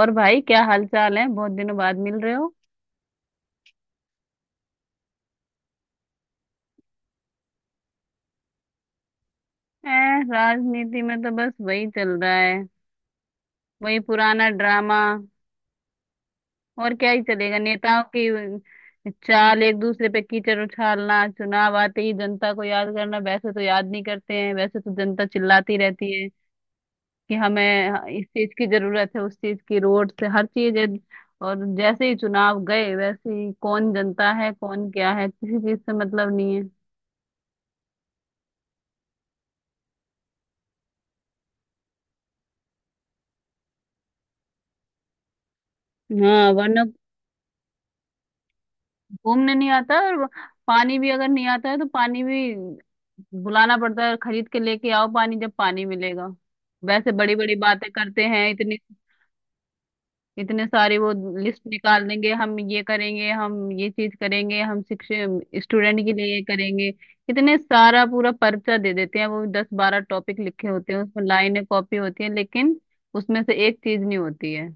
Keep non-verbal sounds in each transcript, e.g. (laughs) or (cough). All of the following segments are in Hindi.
और भाई, क्या हाल चाल है? बहुत दिनों बाद मिल रहे हो। ए, राजनीति में तो बस वही चल रहा है, वही पुराना ड्रामा। और क्या ही चलेगा। नेताओं की चाल, एक दूसरे पे कीचड़ उछालना, चुनाव आते ही जनता को याद करना। वैसे तो याद नहीं करते हैं, वैसे तो जनता चिल्लाती रहती है कि हमें इस चीज की जरूरत है, उस चीज की, रोड से हर चीज है। और जैसे ही चुनाव गए, वैसे ही कौन जनता है कौन क्या है, किसी चीज से मतलब नहीं है। हाँ, वरना घूमने नहीं आता। और पानी भी अगर नहीं आता है तो पानी भी बुलाना पड़ता है, खरीद के लेके आओ पानी, जब पानी मिलेगा। वैसे बड़ी बड़ी बातें करते हैं इतनी, इतने सारे वो लिस्ट निकाल देंगे, हम ये करेंगे, हम ये चीज करेंगे, हम शिक्षक स्टूडेंट के लिए ये करेंगे। इतने सारा पूरा पर्चा दे देते हैं, वो 10-12 टॉपिक लिखे होते हैं उसमें, लाइनें कॉपी होती हैं, लेकिन उसमें से एक चीज नहीं होती है।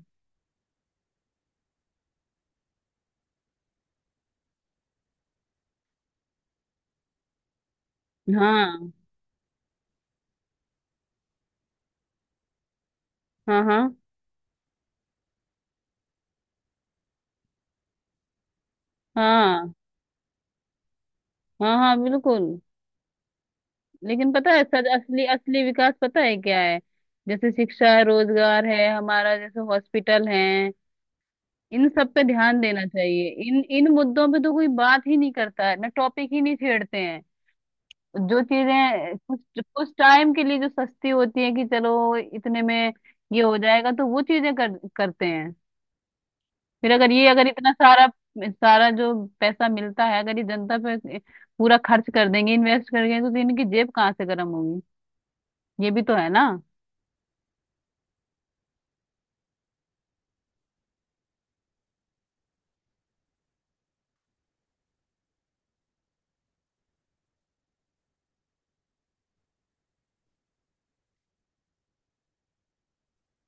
हाँ, हाँ, हाँ, हाँ, हाँ, हाँ, बिल्कुल। लेकिन पता है, सच असली, असली विकास पता है क्या है। जैसे शिक्षा है, रोजगार है हमारा, जैसे हॉस्पिटल है। इन सब पे ध्यान देना चाहिए। इन इन मुद्दों पे तो कोई बात ही नहीं करता है, ना टॉपिक ही नहीं छेड़ते हैं। जो चीजें कुछ कुछ टाइम के लिए जो सस्ती होती है, कि चलो इतने में ये हो जाएगा, तो वो चीजें करते हैं। फिर अगर इतना सारा सारा जो पैसा मिलता है, अगर ये जनता पे पूरा खर्च कर देंगे, इन्वेस्ट कर देंगे, तो इनकी जेब कहाँ से गर्म होगी? ये भी तो है ना।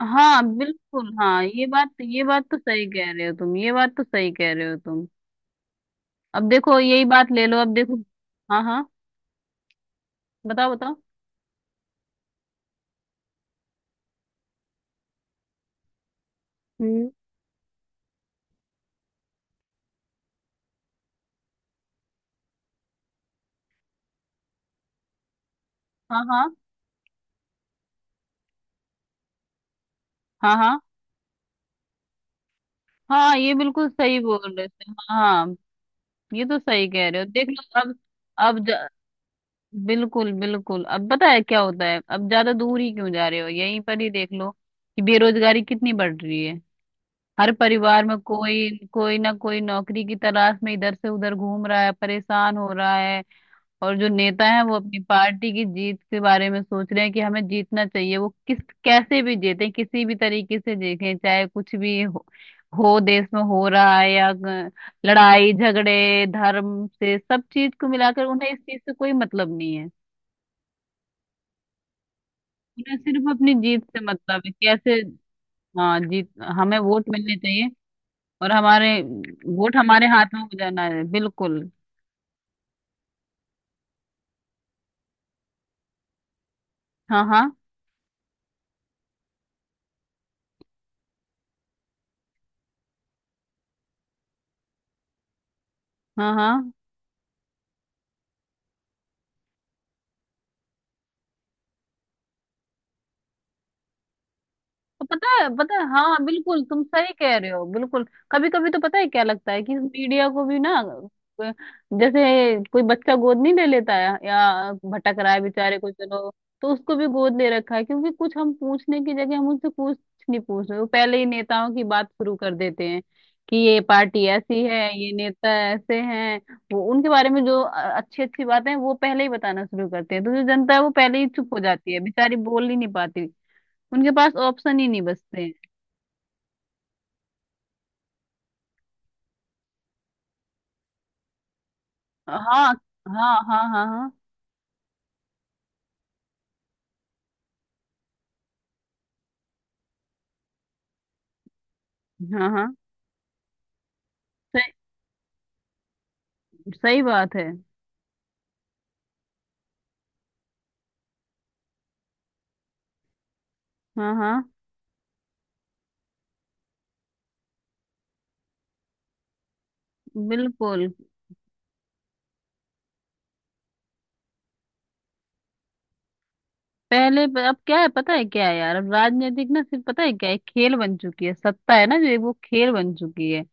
हाँ, बिल्कुल। हाँ ये बात तो सही कह रहे हो तुम, ये बात तो सही कह रहे हो तुम। अब देखो, यही बात ले लो, अब देखो। हाँ, हाँ, बताओ, बताओ। हम्म। हाँ, हाँ, हाँ, हाँ, हाँ, ये बिल्कुल सही बोल रहे थे, हाँ, हाँ। ये तो सही कह रहे हो, देख लो अब। अब ज- बिल्कुल, बिल्कुल। अब पता है क्या होता है, अब ज्यादा दूर ही क्यों जा रहे हो, यहीं पर ही देख लो कि बेरोजगारी कितनी बढ़ रही है। हर परिवार में कोई कोई ना कोई नौकरी की तलाश में इधर से उधर घूम रहा है, परेशान हो रहा है। और जो नेता है वो अपनी पार्टी की जीत के बारे में सोच रहे हैं कि हमें जीतना चाहिए, वो किस कैसे भी जीते, किसी भी तरीके से जीतें, चाहे कुछ भी हो देश में हो रहा है लड़ाई झगड़े धर्म से, सब चीज को मिलाकर उन्हें इस चीज से कोई मतलब नहीं है। उन्हें सिर्फ अपनी जीत से मतलब है। कैसे? हाँ, जीत, हमें वोट मिलने चाहिए, और हमारे वोट हमारे हाथ में हो जाना है, बिल्कुल। हाँ, हाँ, हाँ, हाँ, तो पता है, पता है, हाँ बिल्कुल, तुम सही कह रहे हो, बिल्कुल। कभी कभी तो पता है क्या लगता है कि मीडिया को भी ना, अ, जैसे कोई बच्चा गोद नहीं ले लेता है या भटक रहा है बेचारे को, चलो तो उसको भी गोद ले रखा है। क्योंकि कुछ हम पूछने की जगह, हम उनसे कुछ नहीं पूछ रहे, वो पहले ही नेताओं की बात शुरू कर देते हैं कि ये पार्टी ऐसी है, ये नेता ऐसे हैं। वो उनके बारे में जो अच्छी अच्छी बातें हैं, वो पहले ही बताना शुरू करते हैं। तो जो जनता है वो पहले ही चुप हो जाती है, बेचारी बोल ही नहीं पाती, उनके पास ऑप्शन ही नहीं बचते हैं। हाँ, हाँ, हाँ, हाँ, हाँ, हाँ, हाँ, सही, सही बात है, हाँ, हाँ, बिल्कुल। अब क्या है, पता है क्या है यार, अब राजनीतिक ना सिर्फ, पता है क्या है, खेल बन चुकी है, सत्ता है ना जो, वो खेल बन चुकी है।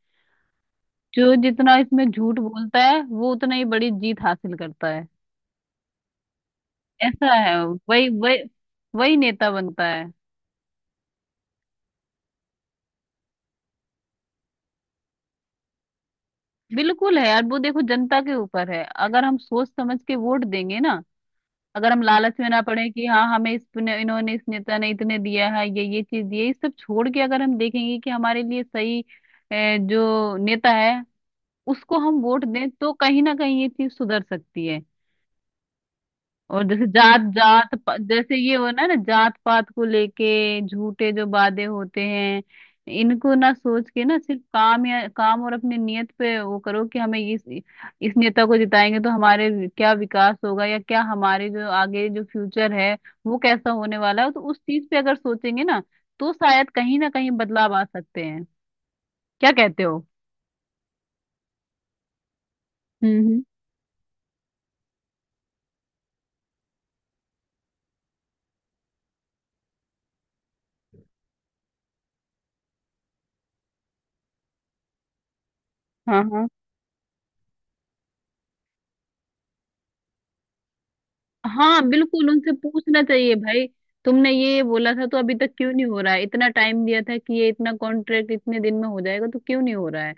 जो जितना इसमें झूठ बोलता है, वो उतना ही बड़ी जीत हासिल करता है। ऐसा है, वही वही वही नेता बनता है। बिल्कुल है यार, वो देखो जनता के ऊपर है। अगर हम सोच समझ के वोट देंगे ना, अगर हम लालच में ना पड़े कि हाँ हमें इस इन्होंने, इस नेता ने इतने दिया है, ये चीज दिए, ये सब छोड़ के अगर हम देखेंगे कि हमारे लिए सही जो नेता है उसको हम वोट दें, तो कहीं ना कहीं ये चीज सुधर सकती है। और जैसे जात जात प- जैसे ये हो ना ना जात पात को लेके झूठे जो वादे होते हैं, इनको ना सोच के, ना सिर्फ काम या काम और अपनी नियत पे वो करो, कि हमें इस नेता को जिताएंगे तो हमारे क्या विकास होगा, या क्या हमारे जो आगे जो फ्यूचर है वो कैसा होने वाला है, तो उस चीज पे अगर सोचेंगे ना, तो शायद कहीं ना कहीं बदलाव आ सकते हैं। क्या कहते हो? हम्म, हाँ, हाँ, बिल्कुल, उनसे पूछना चाहिए भाई, तुमने ये बोला था तो अभी तक क्यों नहीं हो रहा है? इतना टाइम दिया था कि ये इतना कॉन्ट्रैक्ट इतने दिन में हो जाएगा, तो क्यों नहीं हो रहा है?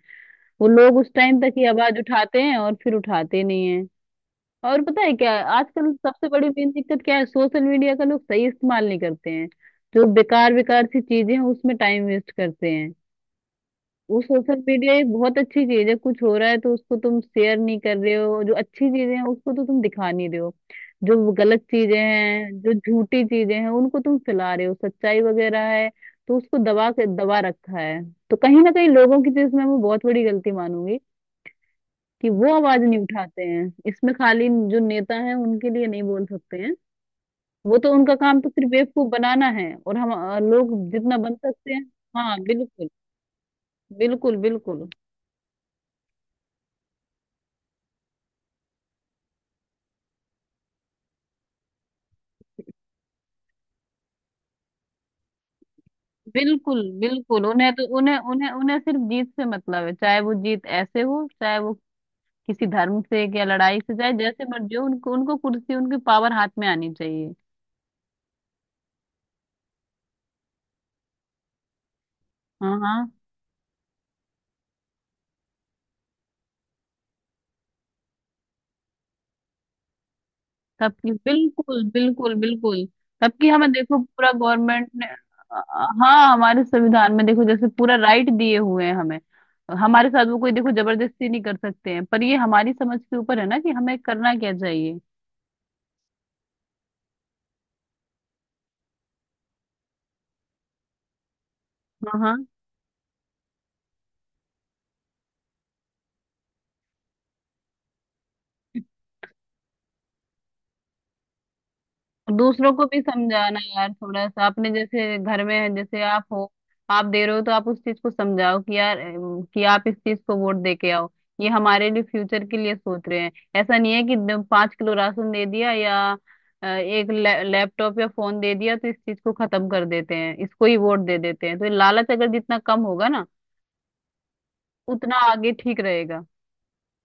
वो लोग उस टाइम तक ही आवाज उठाते हैं और फिर उठाते नहीं है। और पता है क्या है? आजकल सबसे बड़ी मेन दिक्कत क्या है, सोशल मीडिया का लोग सही इस्तेमाल नहीं करते हैं। जो बेकार बेकार सी चीजें हैं उसमें टाइम वेस्ट करते हैं। वो सोशल मीडिया एक बहुत अच्छी चीज है, कुछ हो रहा है तो उसको तुम शेयर नहीं कर रहे हो, जो अच्छी चीजें हैं उसको तो तुम दिखा नहीं रहे हो। जो गलत चीजें हैं, जो झूठी चीजें हैं, उनको तुम फैला रहे हो, सच्चाई वगैरह है तो उसको दबा के दबा रखा है। तो कहीं ना कहीं लोगों की तो इसमें, मैं वो बहुत बड़ी गलती मानूंगी कि वो आवाज नहीं उठाते हैं। इसमें खाली जो नेता हैं उनके लिए नहीं बोल सकते हैं, वो तो उनका काम तो सिर्फ बेवकूफ बनाना है, और हम लोग जितना बन सकते हैं। हाँ, बिल्कुल, बिल्कुल, बिल्कुल, बिल्कुल, बिल्कुल। उन्हें तो उन्हें उन्हें उन्हें सिर्फ जीत से मतलब है, चाहे वो जीत ऐसे हो, चाहे वो किसी धर्म से या लड़ाई से, चाहे जैसे मर्जी हो, उनको उनको कुर्सी, उनकी पावर हाथ में आनी चाहिए। हाँ, हाँ, सबकी। बिल्कुल, बिल्कुल, बिल्कुल, सबकी हमें देखो पूरा गवर्नमेंट ने। हाँ, हमारे संविधान में देखो जैसे पूरा राइट दिए हुए हैं हमें, हमारे साथ वो कोई देखो जबरदस्ती नहीं कर सकते हैं, पर ये हमारी समझ के ऊपर है ना कि हमें करना क्या चाहिए। हाँ, हाँ। दूसरों को भी समझाना यार, थोड़ा सा अपने जैसे घर में है, जैसे आप हो, आप दे रहे हो, तो आप उस चीज को समझाओ कि यार कि आप इस चीज को वोट दे के आओ, ये हमारे लिए फ्यूचर के लिए सोच रहे हैं। ऐसा नहीं है कि 5 किलो राशन दे दिया, या एक लैपटॉप या फोन दे दिया, तो इस चीज को खत्म कर देते हैं, इसको ही वोट दे देते हैं। तो ये लालच अगर जितना कम होगा ना, उतना आगे ठीक रहेगा।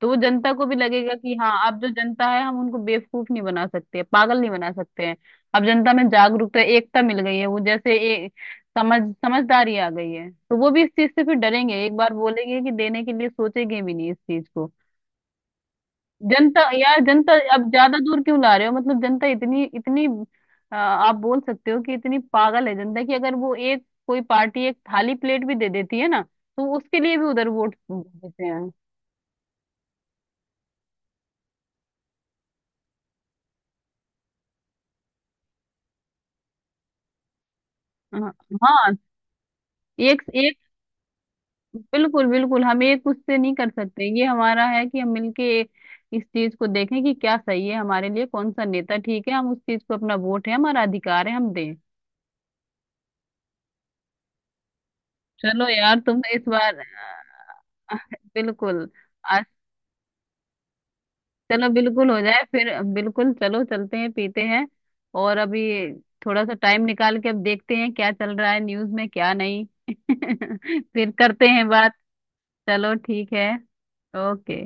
तो वो जनता को भी लगेगा कि हाँ, अब जो जनता है हम उनको बेवकूफ नहीं बना सकते, पागल नहीं बना सकते हैं। अब जनता में जागरूकता, एकता मिल गई है, वो जैसे एक समझदारी आ गई है। तो वो भी इस चीज से फिर डरेंगे, एक बार बोलेंगे कि देने के लिए सोचेंगे भी नहीं इस चीज को। जनता यार, जनता अब ज्यादा दूर क्यों ला रहे हो? मतलब जनता इतनी इतनी आप बोल सकते हो कि इतनी पागल है जनता, कि अगर वो एक कोई पार्टी एक थाली प्लेट भी दे देती है ना, तो उसके लिए भी उधर वोट देते हैं। हाँ, हाँ, एक बिल्कुल, बिल्कुल। हम एक खुद से नहीं कर सकते, ये हमारा है कि हम मिलके इस चीज को देखें कि क्या सही है हमारे लिए, कौन सा नेता ठीक है, हम उस चीज को, अपना वोट है, हमारा अधिकार है, हम दें। चलो यार, तुम इस बार अ, बिल्कुल, आज चलो, बिल्कुल हो जाए फिर। बिल्कुल, चलो चलते हैं, पीते हैं। और अभी थोड़ा सा टाइम निकाल के अब देखते हैं क्या चल रहा है न्यूज में, क्या नहीं। (laughs) फिर करते हैं बात। चलो ठीक है, ओके।